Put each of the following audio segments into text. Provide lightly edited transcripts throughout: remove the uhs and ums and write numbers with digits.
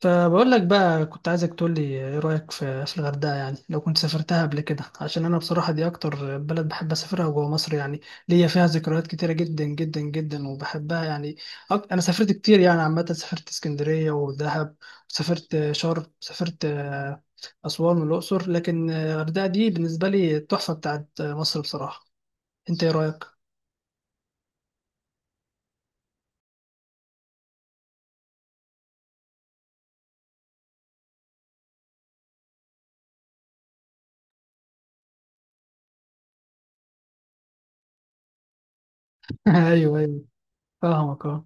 فبقول لك بقى كنت عايزك تقول لي ايه رأيك في الغردقة، يعني لو كنت سافرتها قبل كده. عشان انا بصراحة دي اكتر بلد بحب اسافرها جوه مصر يعني، ليا فيها ذكريات كتيرة جدا جدا جدا وبحبها يعني. انا سافرت كتير يعني، عامة سافرت اسكندرية ودهب، سافرت شرم، سافرت اسوان والاقصر، لكن الغردقة دي بالنسبة لي التحفة بتاعت مصر بصراحة. انت ايه رأيك؟ ايوه، ايوه، فاهمك، اه.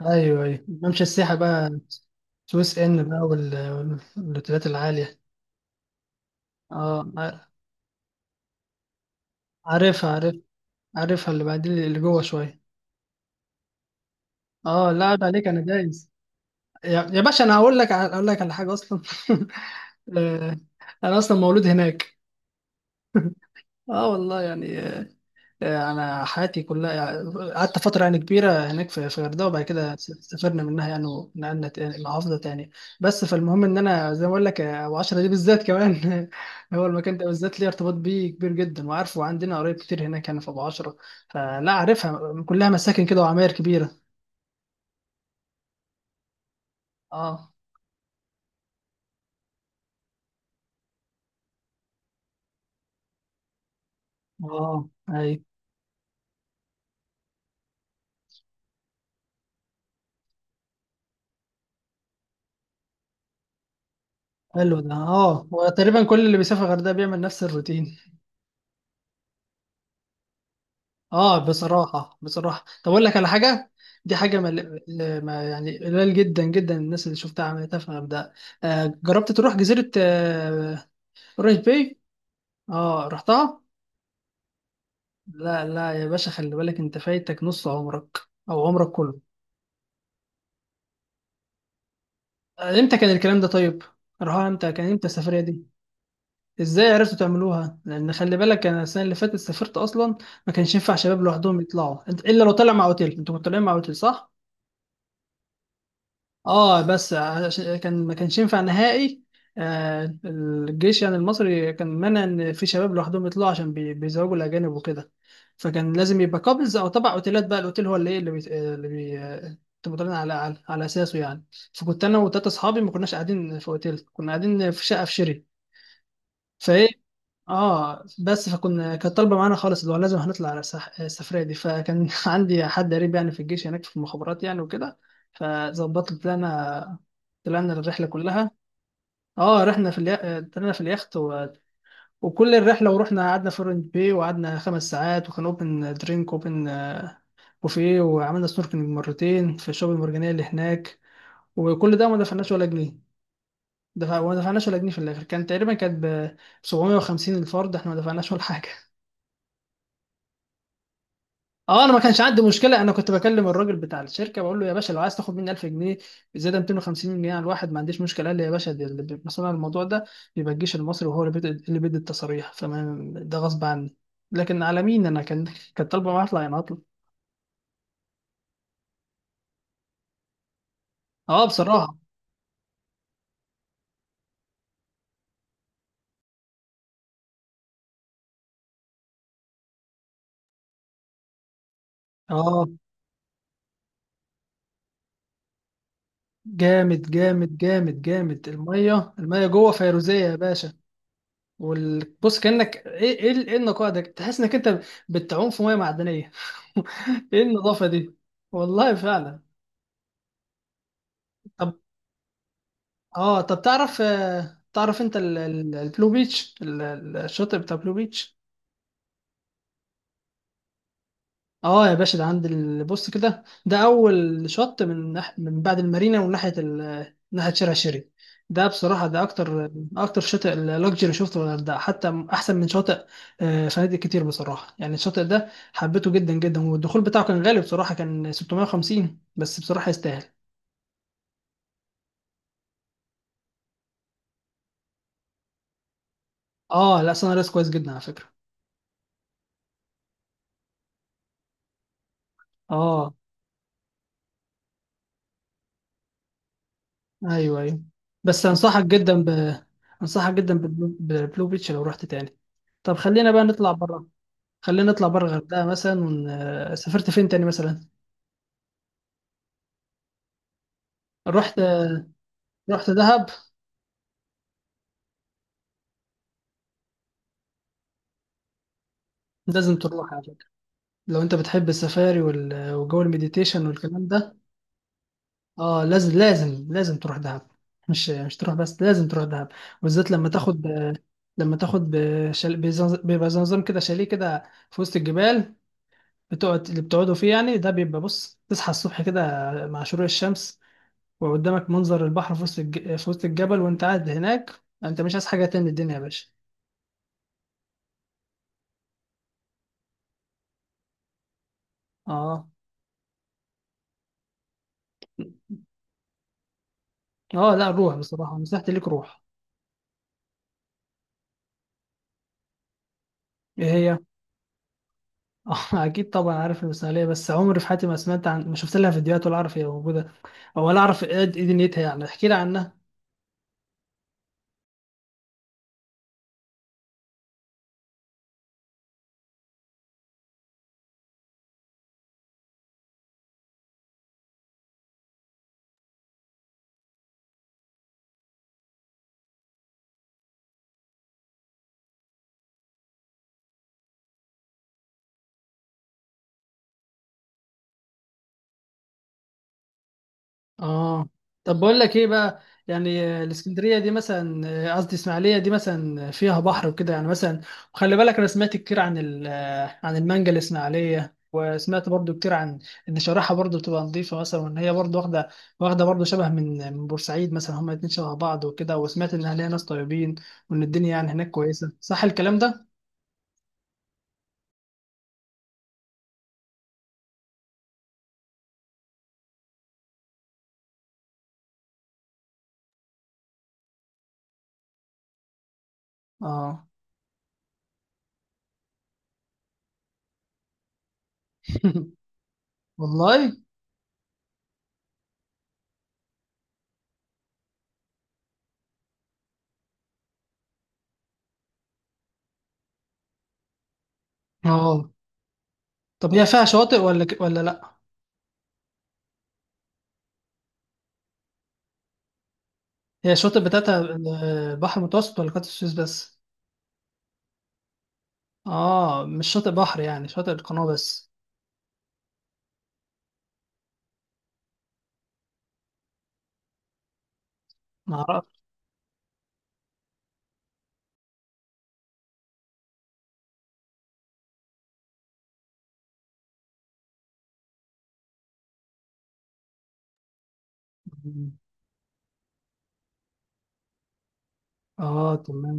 ايوه، ايوه، ممشى السياحة بقى. سويس ان بقى والاوتيلات العالية. اه، عارفها، عارف. عارفها، اللي بعدين اللي جوه شويه. اه، لا عيب عليك، انا دايس. يا، باشا، انا هقول لك اقول لك على حاجه اصلا. آه، انا اصلا مولود هناك. اه والله يعني. انا حياتي كلها يعني قعدت فتره يعني كبيره هناك في الغردقه، وبعد كده سافرنا منها يعني، ونقلنا محافظه تاني. بس فالمهم ان انا زي ما اقول لك، ابو عشرة دي بالذات كمان هو المكان ده بالذات ليه ارتباط بيه كبير جدا، وعارفه، وعندنا قرايب كتير هناك يعني في ابو عشرة. فلا، عارفها كلها مساكن كده وعماير كبيره. اه. اه. اي. حلو ده. اه، وتقريبا كل اللي بيسافر الغردقه بيعمل نفس الروتين. اه بصراحة، بصراحة طب اقول لك على حاجة. دي حاجة ما يعني، قليل جدا جدا الناس اللي شفتها عملتها في الغردقة. جربت تروح جزيرة قريش باي؟ اه، رحتها. لا لا يا باشا، خلي بالك انت فايتك نص عمرك، او عمرك كله. آه، امتى كان الكلام ده طيب؟ راها امتى؟ كان امتى السفرية دي؟ ازاي عرفتوا تعملوها؟ لان خلي بالك، انا السنة اللي فاتت سافرت اصلا، ما كانش ينفع شباب لوحدهم يطلعوا، الا لو طلع مع اوتيل. انتوا كنتوا طالعين مع اوتيل، صح؟ اه بس عشان كان، ما كانش ينفع نهائي. الجيش يعني المصري كان منع ان في شباب لوحدهم يطلعوا، عشان بيزوجوا الاجانب وكده. فكان لازم يبقى قابلز او تبع اوتيلات، بقى الاوتيل هو اللي ايه، اللي بي اللي بي آه، تبقى طالعين على على اساسه يعني. فكنت انا وتلاته اصحابي، ما كناش قاعدين في اوتيل، كنا قاعدين في شقه في شيري. فايه، اه، بس فكنا كانت طالبه معانا خالص اللي هو لازم هنطلع على السفريه دي. فكان عندي حد قريب يعني في الجيش هناك، في المخابرات يعني وكده، فظبطت. طلعنا، طلعنا الرحله كلها. اه، رحنا في طلعنا في اليخت وكل الرحله. ورحنا قعدنا في اورنج باي، وقعدنا خمس ساعات، وكان اوبن درينك، اوبن بوفيه، وعملنا سنوركلينج مرتين في الشعب المرجانيه اللي هناك. وكل ده ما دفعناش ولا جنيه. ما دفعناش ولا جنيه. في الاخر كان تقريبا، كانت ب 750 الفرد. احنا ما دفعناش ولا حاجه. اه، انا ما كانش عندي مشكله. انا كنت بكلم الراجل بتاع الشركه، بقول له يا باشا لو عايز تاخد مني 1000 جنيه زياده، 250 جنيه على الواحد، ما عنديش مشكله. قال لي يا باشا، دي اللي بيبقى مسؤول عن الموضوع ده بيبقى الجيش المصري، وهو اللي بيدي، التصاريح. فما ده غصب عني. لكن على مين، انا كان، كانت طالبه معايا اطلع يعني، اطلع. اه بصراحه. اه، جامد جامد جامد جامد. الميه، جوه فيروزيه يا باشا. بص كانك ايه، ايه، ايه النقاء ده. تحس انك انت بتعوم في ميه معدنيه. ايه النظافه دي! والله فعلا. طب، تعرف تعرف انت البلو بيتش، الشاطئ بتاع بلو بيتش؟ اه يا باشا، ده عند بص كده، ده اول شط من من بعد المارينا، وناحيه ناحيه شارع شيري. ده بصراحه ده اكتر، شاطئ لاكجري شفته في الغردقه، حتى احسن من شاطئ فنادق كتير بصراحه. يعني الشاطئ ده حبيته جدا جدا، والدخول بتاعه كان غالي بصراحه، كان 650 بس بصراحه يستاهل. اه لا، سان ريس كويس جدا على فكره. اه. ايوه، ايوه. بس انصحك جدا بالبلو، بيتش لو رحت تاني. طب خلينا بقى نطلع بره، الغردقه مثلا. ون... آه، سافرت فين تاني مثلا؟ رحت، دهب. لازم تروح على فكره. لو انت بتحب السفاري وجو المديتيشن والكلام ده. اه لازم، لازم، لازم تروح دهب. مش تروح بس، لازم تروح دهب. بالذات لما تاخد بيبقى زي نظام كده شاليه كده في وسط الجبال، بتقعد اللي بتقعدوا فيه يعني. ده بيبقى بص، تصحى الصبح كده مع شروق الشمس، وقدامك منظر البحر في وسط الجبل. وانت قاعد هناك، انت مش عايز حاجه تاني من الدنيا يا باشا. اه. اه لا، الروح بصراحه، نصيحتي ليك، روح. ايه هي؟ اه، اكيد طبعا، عارف المثاليه، بس عمري في حياتي ما سمعت عن، ما شفت لها فيديوهات ولا اعرف هي موجوده، او ولا اعرف ايه، دنيتها يعني. احكي لي عنها. اه. طب بقول لك ايه بقى، يعني الاسكندريه دي مثلا، قصدي اسماعيليه دي مثلا، فيها بحر وكده يعني مثلا؟ وخلي بالك انا سمعت كتير عن عن المانجا الاسماعيليه. وسمعت برضو كتير عن ان شارعها برضو بتبقى نظيفه مثلا، وان هي برضو واخده، برضو شبه من بورسعيد مثلا. هما الاتنين شبه بعض وكده. وسمعت ان اهلها ناس طيبين، وان الدنيا يعني هناك كويسه. صح الكلام ده؟ اه. والله. اه. طب هي فيها شواطئ ولا، لا؟ هي الشاطئ بتاعتها البحر المتوسط ولا قناة السويس بس؟ اه، مش شاطئ بحر، يعني شاطئ القناة بس. ما اعرفش. اه تمام.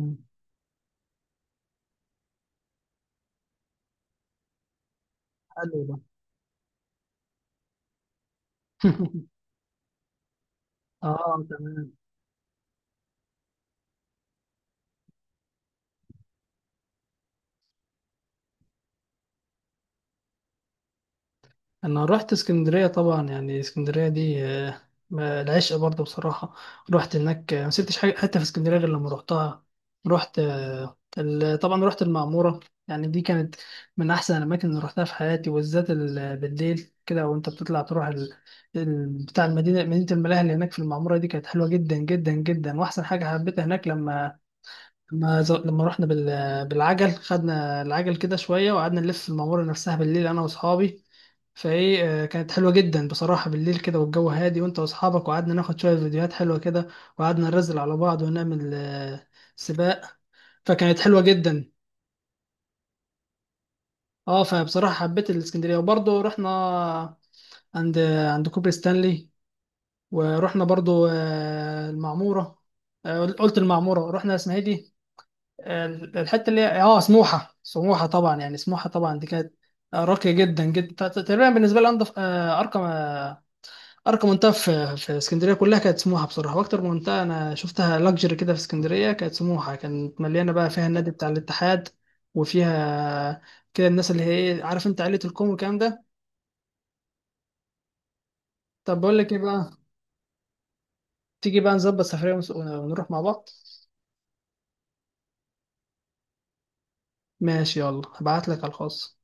حلو ده. اه تمام. انا رحت اسكندريه طبعا. يعني اسكندريه دي العشق برضه بصراحه. رحت هناك ما سبتش حاجه حتى في اسكندريه غير لما رحتها. رحت طبعا رحت المعموره. يعني دي كانت من احسن الاماكن اللي رحتها في حياتي، وبالذات بالليل كده وانت بتطلع تروح بتاع المدينه، مدينه الملاهي اللي هناك في المعموره. دي كانت حلوه جدا جدا جدا. واحسن حاجه حبيتها هناك، لما رحنا بالعجل. خدنا العجل كده شويه وقعدنا نلف المعموره نفسها بالليل انا واصحابي. فايه، كانت حلوه جدا بصراحه، بالليل كده والجو هادي، وانت واصحابك. وقعدنا ناخد شويه فيديوهات حلوه كده، وقعدنا نرزل على بعض ونعمل سباق. فكانت حلوه جدا. اه، فبصراحه حبيت الاسكندريه. وبرضه رحنا عند، كوبري ستانلي. ورحنا برضه المعموره. قلت المعموره. رحنا اسمها ايه دي، الحته اللي هي اه سموحه. سموحه طبعا يعني، سموحه طبعا دي كانت راقيه جدا جدا. تقريبا بالنسبه لي انضف، ارقى، منطقه في اسكندريه كلها كانت سموحه بصراحه. واكتر منطقه انا شفتها لاكجري كده في اسكندريه كانت سموحه. كانت مليانه بقى فيها النادي بتاع الاتحاد. وفيها كده الناس اللي هي ايه، عارف انت، عائله الكوم والكلام ده. طب بقول لك ايه بقى، تيجي بقى نظبط سفريه ونروح مع بعض؟ ماشي، يلا هبعت لك على الخاص.